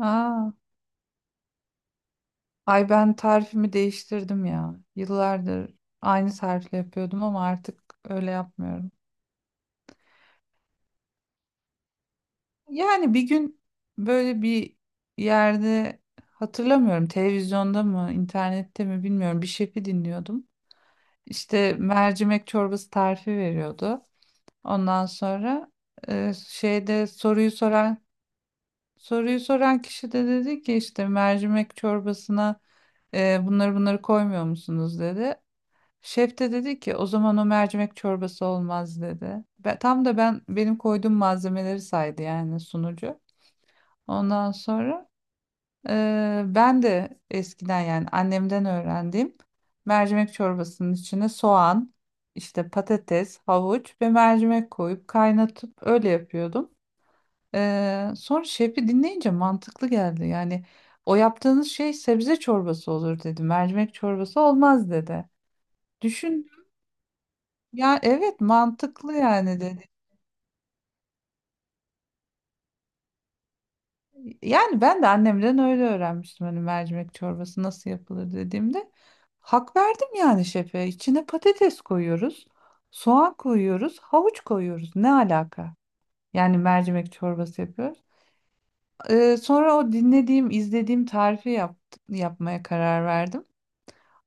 Aa, ay ben tarifimi değiştirdim ya. Yıllardır aynı tarifle yapıyordum ama artık öyle yapmıyorum. Yani bir gün böyle bir yerde hatırlamıyorum televizyonda mı internette mi bilmiyorum bir şefi dinliyordum. İşte mercimek çorbası tarifi veriyordu. Ondan sonra şeyde soruyu soran kişi de dedi ki işte mercimek çorbasına bunları koymuyor musunuz dedi. Şef de dedi ki o zaman o mercimek çorbası olmaz dedi. Ve tam da benim koyduğum malzemeleri saydı yani sunucu. Ondan sonra ben de eskiden yani annemden öğrendiğim mercimek çorbasının içine soğan, işte patates, havuç ve mercimek koyup kaynatıp öyle yapıyordum. Sonra şefi dinleyince mantıklı geldi. Yani o yaptığınız şey sebze çorbası olur dedi. Mercimek çorbası olmaz dedi. Düşün. Ya evet mantıklı yani dedi. Yani ben de annemden öyle öğrenmiştim hani mercimek çorbası nasıl yapılır dediğimde. Hak verdim yani şefe. İçine patates koyuyoruz, soğan koyuyoruz, havuç koyuyoruz. Ne alaka? Yani mercimek çorbası yapıyoruz. Sonra o dinlediğim, izlediğim tarifi yapmaya karar verdim.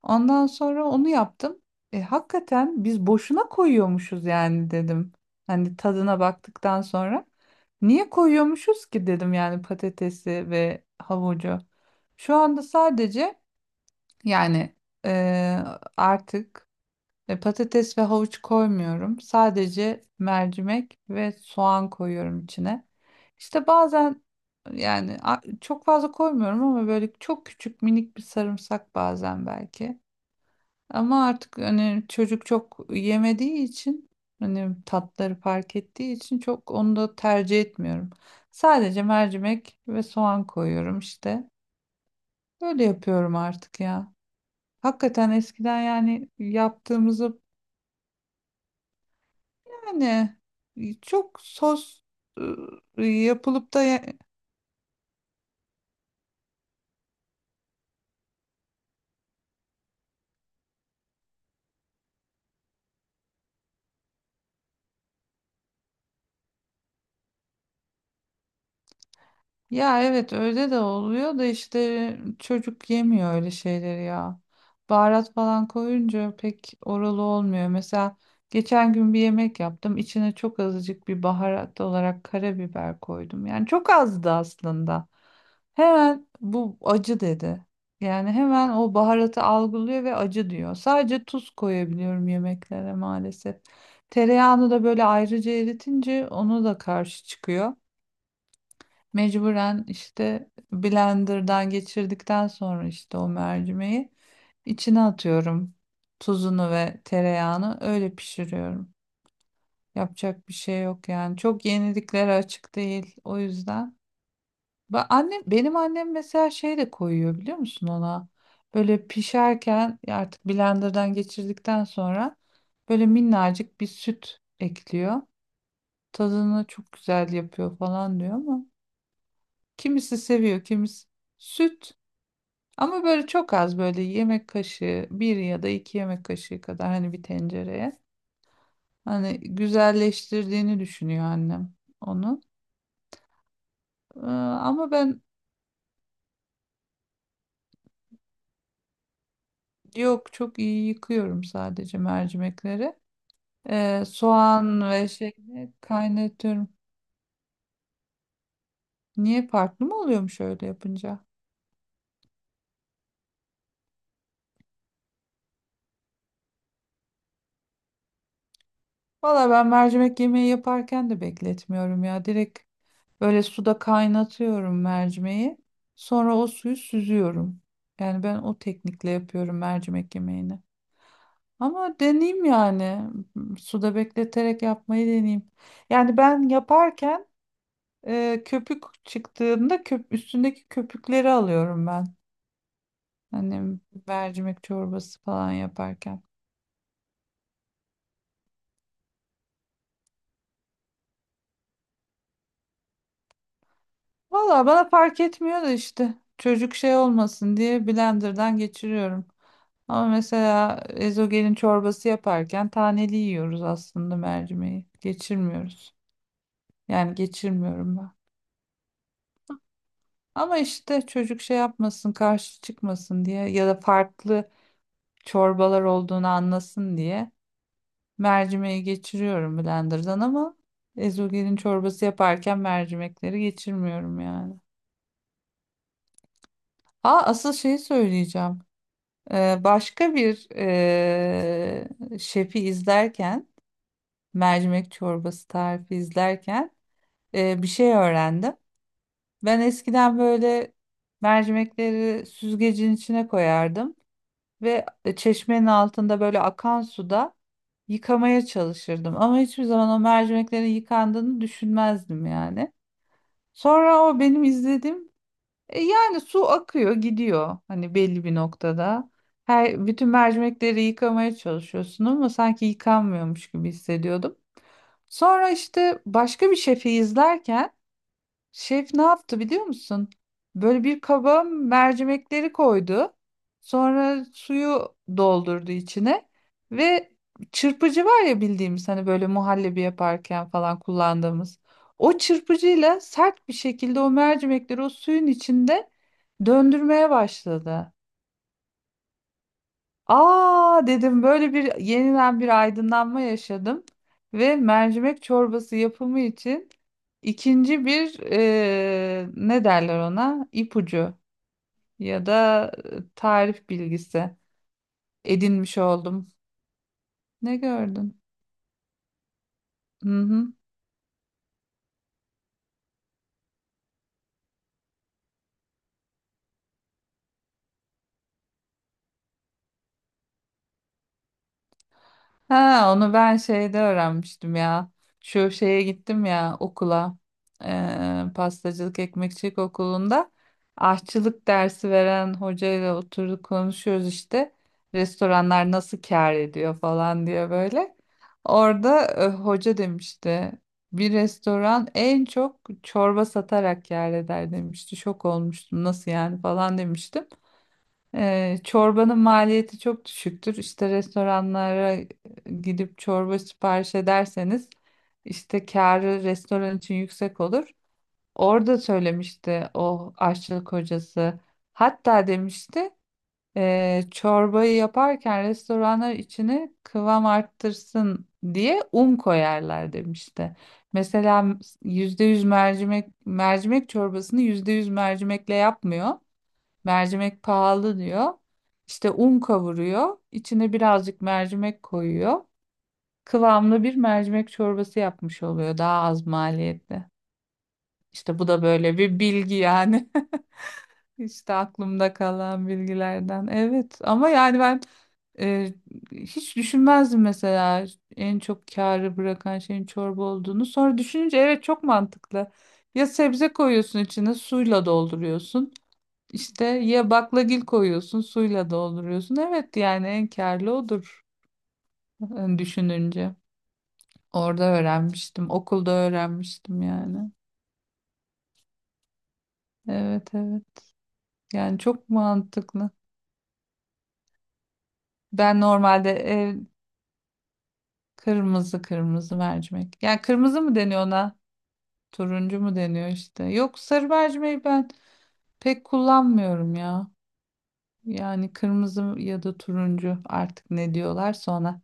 Ondan sonra onu yaptım. Hakikaten biz boşuna koyuyormuşuz yani dedim. Hani tadına baktıktan sonra. Niye koyuyormuşuz ki dedim yani patatesi ve havucu. Şu anda sadece yani e, artık patates ve havuç koymuyorum. Sadece mercimek ve soğan koyuyorum içine. İşte bazen yani çok fazla koymuyorum ama böyle çok küçük minik bir sarımsak bazen belki. Ama artık hani çocuk çok yemediği için hani tatları fark ettiği için çok onu da tercih etmiyorum. Sadece mercimek ve soğan koyuyorum işte. Böyle yapıyorum artık ya. Hakikaten eskiden yani yaptığımızı... Yani çok sos yapılıp da... Ya evet öyle de oluyor da işte çocuk yemiyor öyle şeyleri ya. Baharat falan koyunca pek oralı olmuyor. Mesela geçen gün bir yemek yaptım. İçine çok azıcık bir baharat olarak karabiber koydum. Yani çok azdı aslında. Hemen bu acı dedi. Yani hemen o baharatı algılıyor ve acı diyor. Sadece tuz koyabiliyorum yemeklere maalesef. Tereyağını da böyle ayrıca eritince onu da karşı çıkıyor. Mecburen işte blenderdan geçirdikten sonra işte o mercimeği içine atıyorum. Tuzunu ve tereyağını öyle pişiriyorum. Yapacak bir şey yok yani. Çok yeniliklere açık değil o yüzden. Annem, benim annem mesela şey de koyuyor biliyor musun ona? Böyle pişerken ya artık blenderdan geçirdikten sonra böyle minnacık bir süt ekliyor. Tadını çok güzel yapıyor falan diyor ama kimisi seviyor, kimisi... Süt. Ama böyle çok az böyle yemek kaşığı 1 ya da 2 yemek kaşığı kadar hani bir tencereye. Hani güzelleştirdiğini düşünüyor annem onu. Ama ben yok çok iyi yıkıyorum sadece mercimekleri. Soğan ve şeyini kaynatıyorum. Niye farklı mı oluyormuş öyle yapınca? Valla ben mercimek yemeği yaparken de bekletmiyorum ya. Direkt böyle suda kaynatıyorum mercimeği. Sonra o suyu süzüyorum. Yani ben o teknikle yapıyorum mercimek yemeğini. Ama deneyeyim yani. Suda bekleterek yapmayı deneyeyim. Yani ben yaparken köpük çıktığında üstündeki köpükleri alıyorum ben. Hani mercimek çorbası falan yaparken. Valla bana fark etmiyor da işte çocuk şey olmasın diye blenderdan geçiriyorum. Ama mesela ezogelin çorbası yaparken taneli yiyoruz aslında mercimeği. Geçirmiyoruz. Yani geçirmiyorum ben. Ama işte çocuk şey yapmasın, karşı çıkmasın diye ya da farklı çorbalar olduğunu anlasın diye mercimeği geçiriyorum blenderdan ama ezogelin çorbası yaparken mercimekleri geçirmiyorum yani. Ha asıl şeyi söyleyeceğim. Başka bir şefi izlerken, mercimek çorbası tarifi izlerken bir şey öğrendim. Ben eskiden böyle mercimekleri süzgecin içine koyardım ve çeşmenin altında böyle akan suda yıkamaya çalışırdım. Ama hiçbir zaman o mercimeklerin yıkandığını düşünmezdim yani. Sonra o benim izlediğim... Yani su akıyor, gidiyor hani belli bir noktada. Her bütün mercimekleri yıkamaya çalışıyorsun ama sanki yıkanmıyormuş gibi hissediyordum. Sonra işte başka bir şefi izlerken. Şef ne yaptı biliyor musun? Böyle bir kaba mercimekleri koydu. Sonra suyu doldurdu içine ve çırpıcı var ya bildiğimiz hani böyle muhallebi yaparken falan kullandığımız. O çırpıcıyla sert bir şekilde o mercimekleri o suyun içinde döndürmeye başladı. Aa dedim böyle bir yeniden bir aydınlanma yaşadım ve mercimek çorbası yapımı için ikinci bir ne derler ona ipucu ya da tarif bilgisi edinmiş oldum. Ne gördün? Hı hı. Ha, onu ben şeyde öğrenmiştim ya. Şu şeye gittim ya okula. Pastacılık ekmekçilik okulunda aşçılık dersi veren hocayla oturduk konuşuyoruz işte. Restoranlar nasıl kâr ediyor falan diye böyle. Orada hoca demişti. Bir restoran en çok çorba satarak kâr eder demişti. Şok olmuştum nasıl yani falan demiştim. Çorbanın maliyeti çok düşüktür. İşte restoranlara gidip çorba sipariş ederseniz işte kârı restoran için yüksek olur. Orada söylemişti o aşçılık hocası. Hatta demişti: Çorbayı yaparken restoranlar içine kıvam arttırsın diye un koyarlar" demişti. Mesela %100 mercimek çorbasını %100 mercimekle yapmıyor. Mercimek pahalı diyor. İşte un kavuruyor. İçine birazcık mercimek koyuyor. Kıvamlı bir mercimek çorbası yapmış oluyor. Daha az maliyetli. İşte bu da böyle bir bilgi yani. İşte aklımda kalan bilgilerden. Evet ama yani ben e, hiç düşünmezdim mesela en çok kârı bırakan şeyin çorba olduğunu. Sonra düşününce evet çok mantıklı. Ya sebze koyuyorsun içine suyla dolduruyorsun. İşte ya baklagil koyuyorsun, suyla dolduruyorsun. Evet yani en kârlı odur düşününce. Orada öğrenmiştim, okulda öğrenmiştim yani. Evet, evet. Yani çok mantıklı. Ben normalde kırmızı mercimek. Yani kırmızı mı deniyor ona? Turuncu mu deniyor işte? Yok sarı mercimeği ben pek kullanmıyorum ya. Yani kırmızı ya da turuncu artık ne diyorlarsa ona.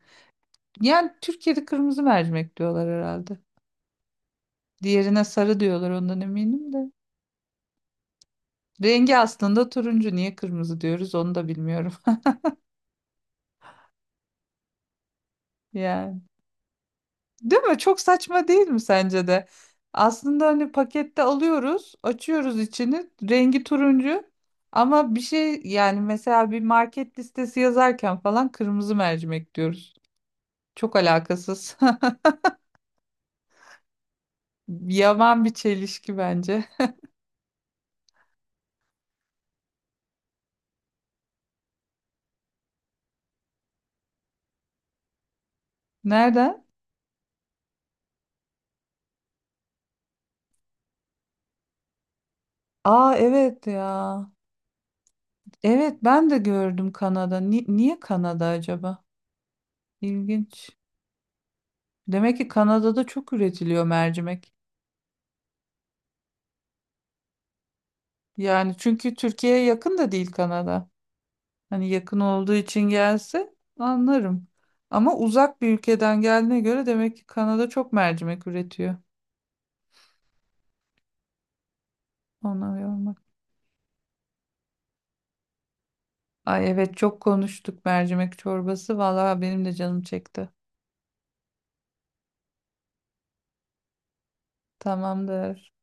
Yani Türkiye'de kırmızı mercimek diyorlar herhalde. Diğerine sarı diyorlar ondan eminim de. Rengi aslında turuncu. Niye kırmızı diyoruz onu da bilmiyorum. Yani. Değil mi? Çok saçma değil mi sence de? Aslında hani pakette alıyoruz, açıyoruz içini, rengi turuncu. Ama bir şey yani mesela bir market listesi yazarken falan kırmızı mercimek diyoruz. Çok alakasız. Yaman bir çelişki bence. Nereden? Aa evet ya. Evet ben de gördüm Kanada. Niye Kanada acaba? İlginç. Demek ki Kanada'da çok üretiliyor mercimek. Yani çünkü Türkiye'ye yakın da değil Kanada. Hani yakın olduğu için gelse anlarım. Ama uzak bir ülkeden geldiğine göre demek ki Kanada çok mercimek üretiyor. Ona yormak. Ay evet çok konuştuk mercimek çorbası. Vallahi benim de canım çekti. Tamamdır.